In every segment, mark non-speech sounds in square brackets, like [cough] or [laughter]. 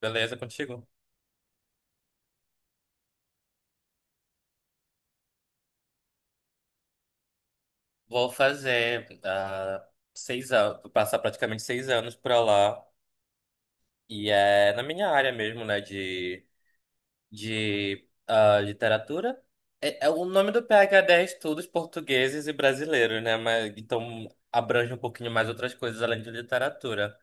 Beleza, contigo? Vou fazer seis anos, passar praticamente seis anos pra lá. E é na minha área mesmo, né? De literatura. É, o nome do PhD é Estudos Portugueses e Brasileiros, né? Mas, então abrange um pouquinho mais outras coisas além de literatura.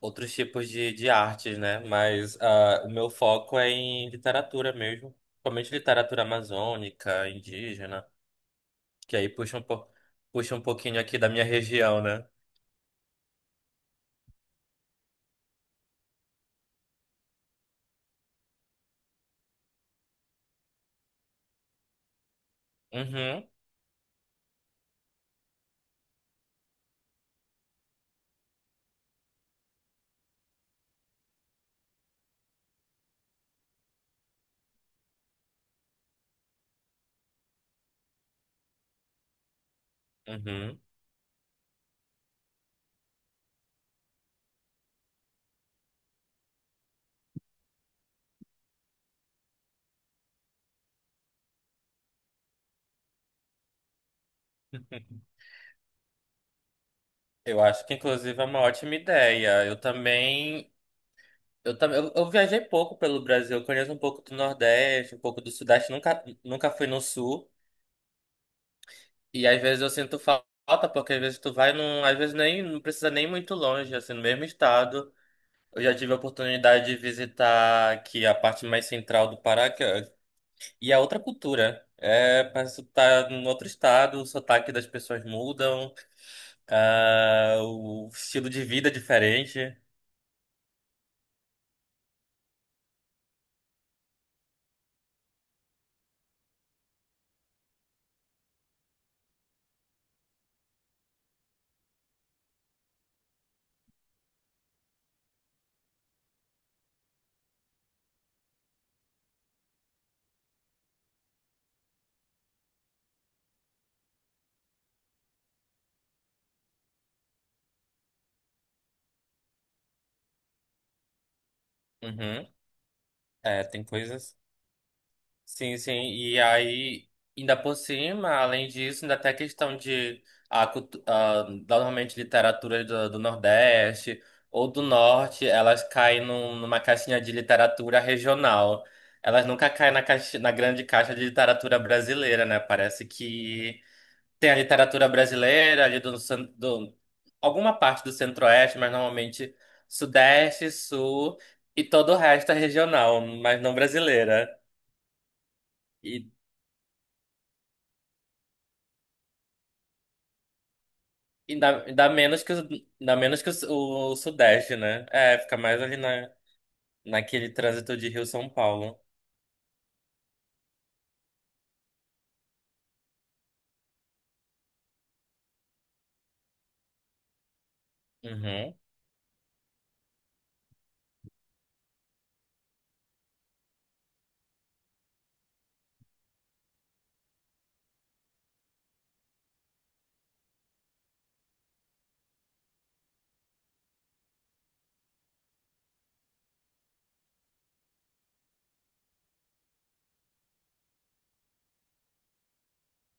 Outros tipos de artes, né? Mas o meu foco é em literatura mesmo. Principalmente literatura amazônica, indígena. Que aí puxa um pouquinho aqui da minha região, né? Uhum, uhum. Eu acho que inclusive é uma ótima ideia. Eu também. Eu viajei pouco pelo Brasil, eu conheço um pouco do Nordeste, um pouco do Sudeste, nunca fui no Sul. E às vezes eu sinto falta, porque às vezes tu vai num. Às vezes nem não precisa nem muito longe, assim, no mesmo estado. Eu já tive a oportunidade de visitar aqui a parte mais central do Pará. E é outra cultura. É, parece que tu tá em outro estado, o sotaque das pessoas mudam, o estilo de vida é diferente. Uhum. É, tem coisas. Sim, sim. E aí, ainda por cima, além disso, ainda tem a questão de normalmente literatura do Nordeste ou do Norte, elas caem numa caixinha de literatura regional. Elas nunca caem na grande caixa de literatura brasileira, né? Parece que tem a literatura brasileira ali do alguma parte do Centro-Oeste, mas normalmente Sudeste, Sul e todo o resto é regional, mas não brasileira. E ainda menos que o Sudeste, né? É, fica mais ali naquele trânsito de Rio-São Paulo. Uhum.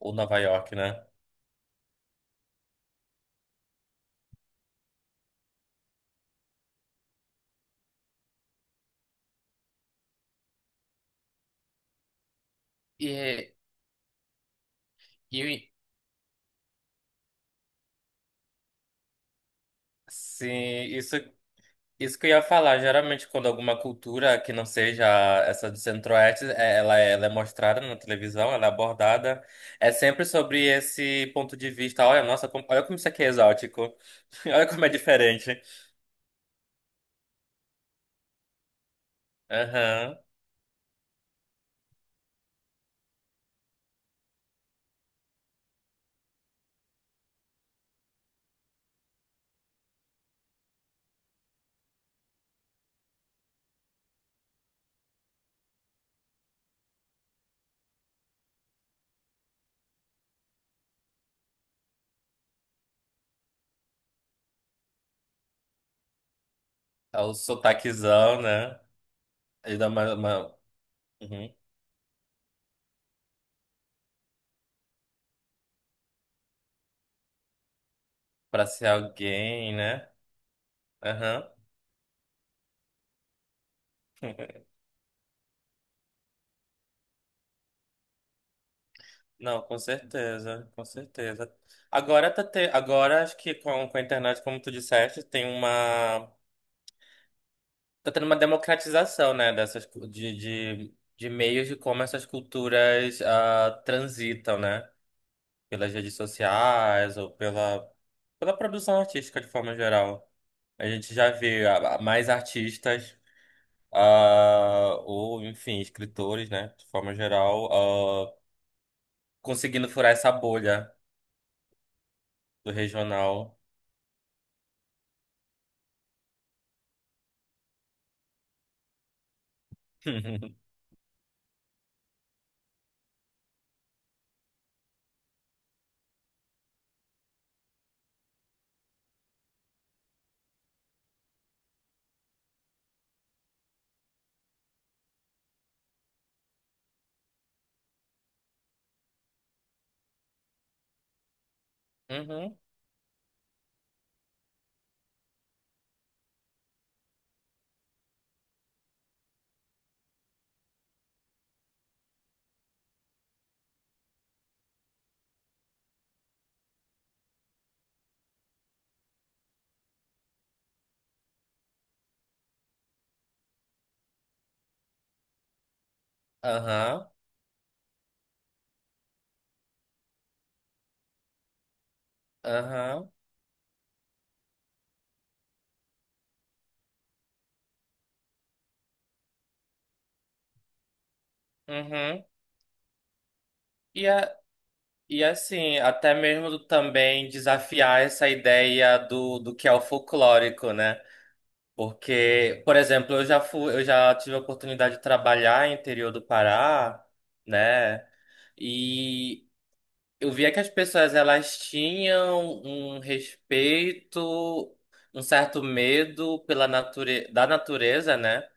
Ou Nova York, né? E, e sim, isso, isso que eu ia falar. Geralmente, quando alguma cultura que não seja essa do Centro-Oeste, ela é mostrada na televisão, ela é abordada, é sempre sobre esse ponto de vista. Olha, nossa, olha como isso aqui é exótico. [laughs] Olha como é diferente. Aham. É o sotaquezão, né? Ele dá uma. Uhum. Para ser alguém, né? Aham. Não, com certeza, com certeza. Agora acho que com a internet, como tu disseste, tem uma tá tendo uma democratização, né, dessas cu- de meios de como essas culturas transitam, né? Pelas redes sociais ou pela produção artística de forma geral. A gente já vê mais artistas ou, enfim, escritores, né, de forma geral, conseguindo furar essa bolha do regional. [laughs] Uhum, aham, aham, uhum. E, a, e é assim, até mesmo também desafiar essa ideia do que é o folclórico, né? Porque, por exemplo, eu já tive a oportunidade de trabalhar no interior do Pará, né? E eu via que as pessoas elas tinham um respeito, um certo medo da natureza, né?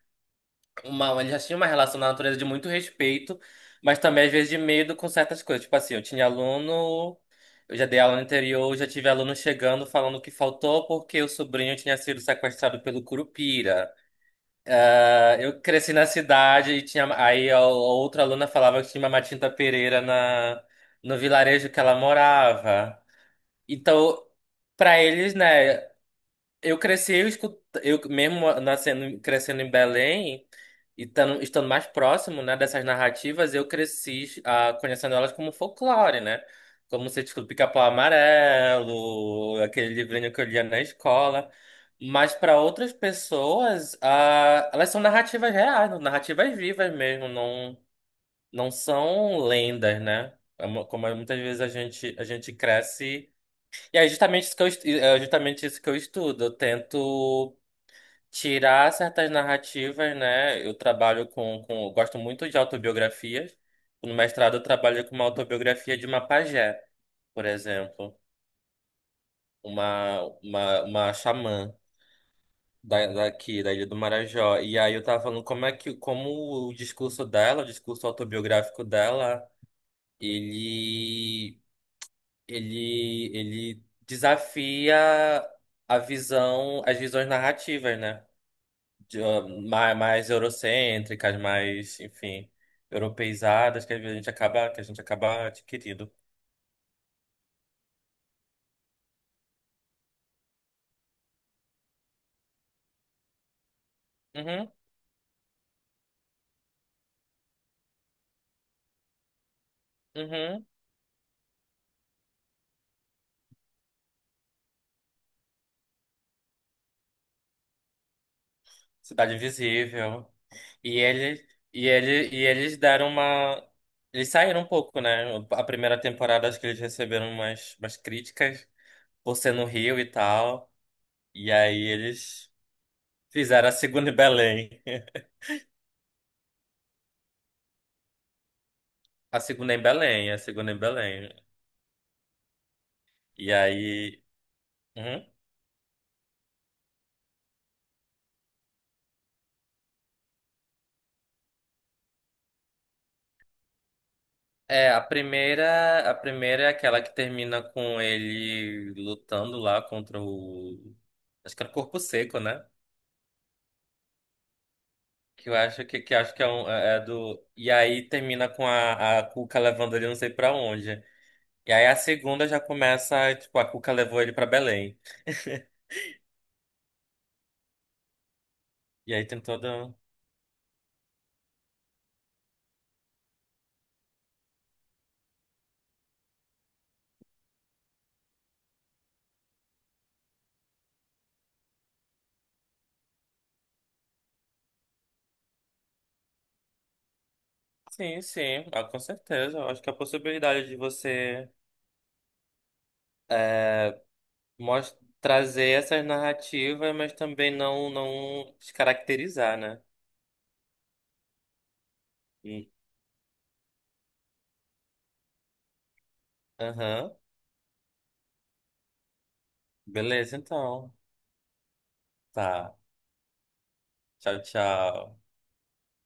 Ele já tinha uma relação na natureza de muito respeito, mas também às vezes de medo com certas coisas. Tipo assim, eu tinha aluno, eu já dei aula no interior, já tive aluno chegando falando que faltou porque o sobrinho tinha sido sequestrado pelo Curupira. Ah, eu cresci na cidade e tinha. Aí a outra aluna falava que tinha uma Matinta Pereira no vilarejo que ela morava. Então, pra eles, né? Eu cresci, eu escuto, eu mesmo nascendo, crescendo em Belém e estando mais próximo, né, dessas narrativas, eu cresci conhecendo elas como folclore, né? Como você escuta Pica-Pau Amarelo, aquele livrinho que eu lia na escola. Mas para outras pessoas, elas são narrativas reais, narrativas vivas mesmo, não são lendas, né? Como muitas vezes a gente cresce. E é justamente isso que eu estudo. Eu tento tirar certas narrativas, né? Eu trabalho com, Eu gosto muito de autobiografias. No mestrado eu trabalho com uma autobiografia de uma pajé, por exemplo, uma xamã daqui, da Ilha do Marajó. E aí eu tava falando como é que como o discurso dela, o discurso autobiográfico dela, ele ele desafia as visões narrativas, né? De, mais eurocêntricas, mais, enfim, europeizadas que a gente acaba adquirindo. Uhum, uhum. Cidade Invisível. E ele, e ele, e eles deram uma Eles saíram um pouco, né? A primeira temporada acho que eles receberam umas críticas por ser no Rio e tal. E aí eles fizeram a segunda em Belém. A segunda é em Belém, a segunda é em Belém. E aí. Uhum. É, a primeira é aquela que termina com ele lutando lá contra o. Acho que era o Corpo Seco, né? Que eu acho que acho que é, um, é do. E aí termina com a Cuca levando ele não sei pra onde. E aí a segunda já começa, tipo, a Cuca levou ele pra Belém. [laughs] E aí tem toda. Sim, sim, com certeza. Eu acho que a possibilidade de trazer essas narrativas, mas também não descaracterizar, né? Hum, aham. Beleza, então. Tá. Tchau, tchau.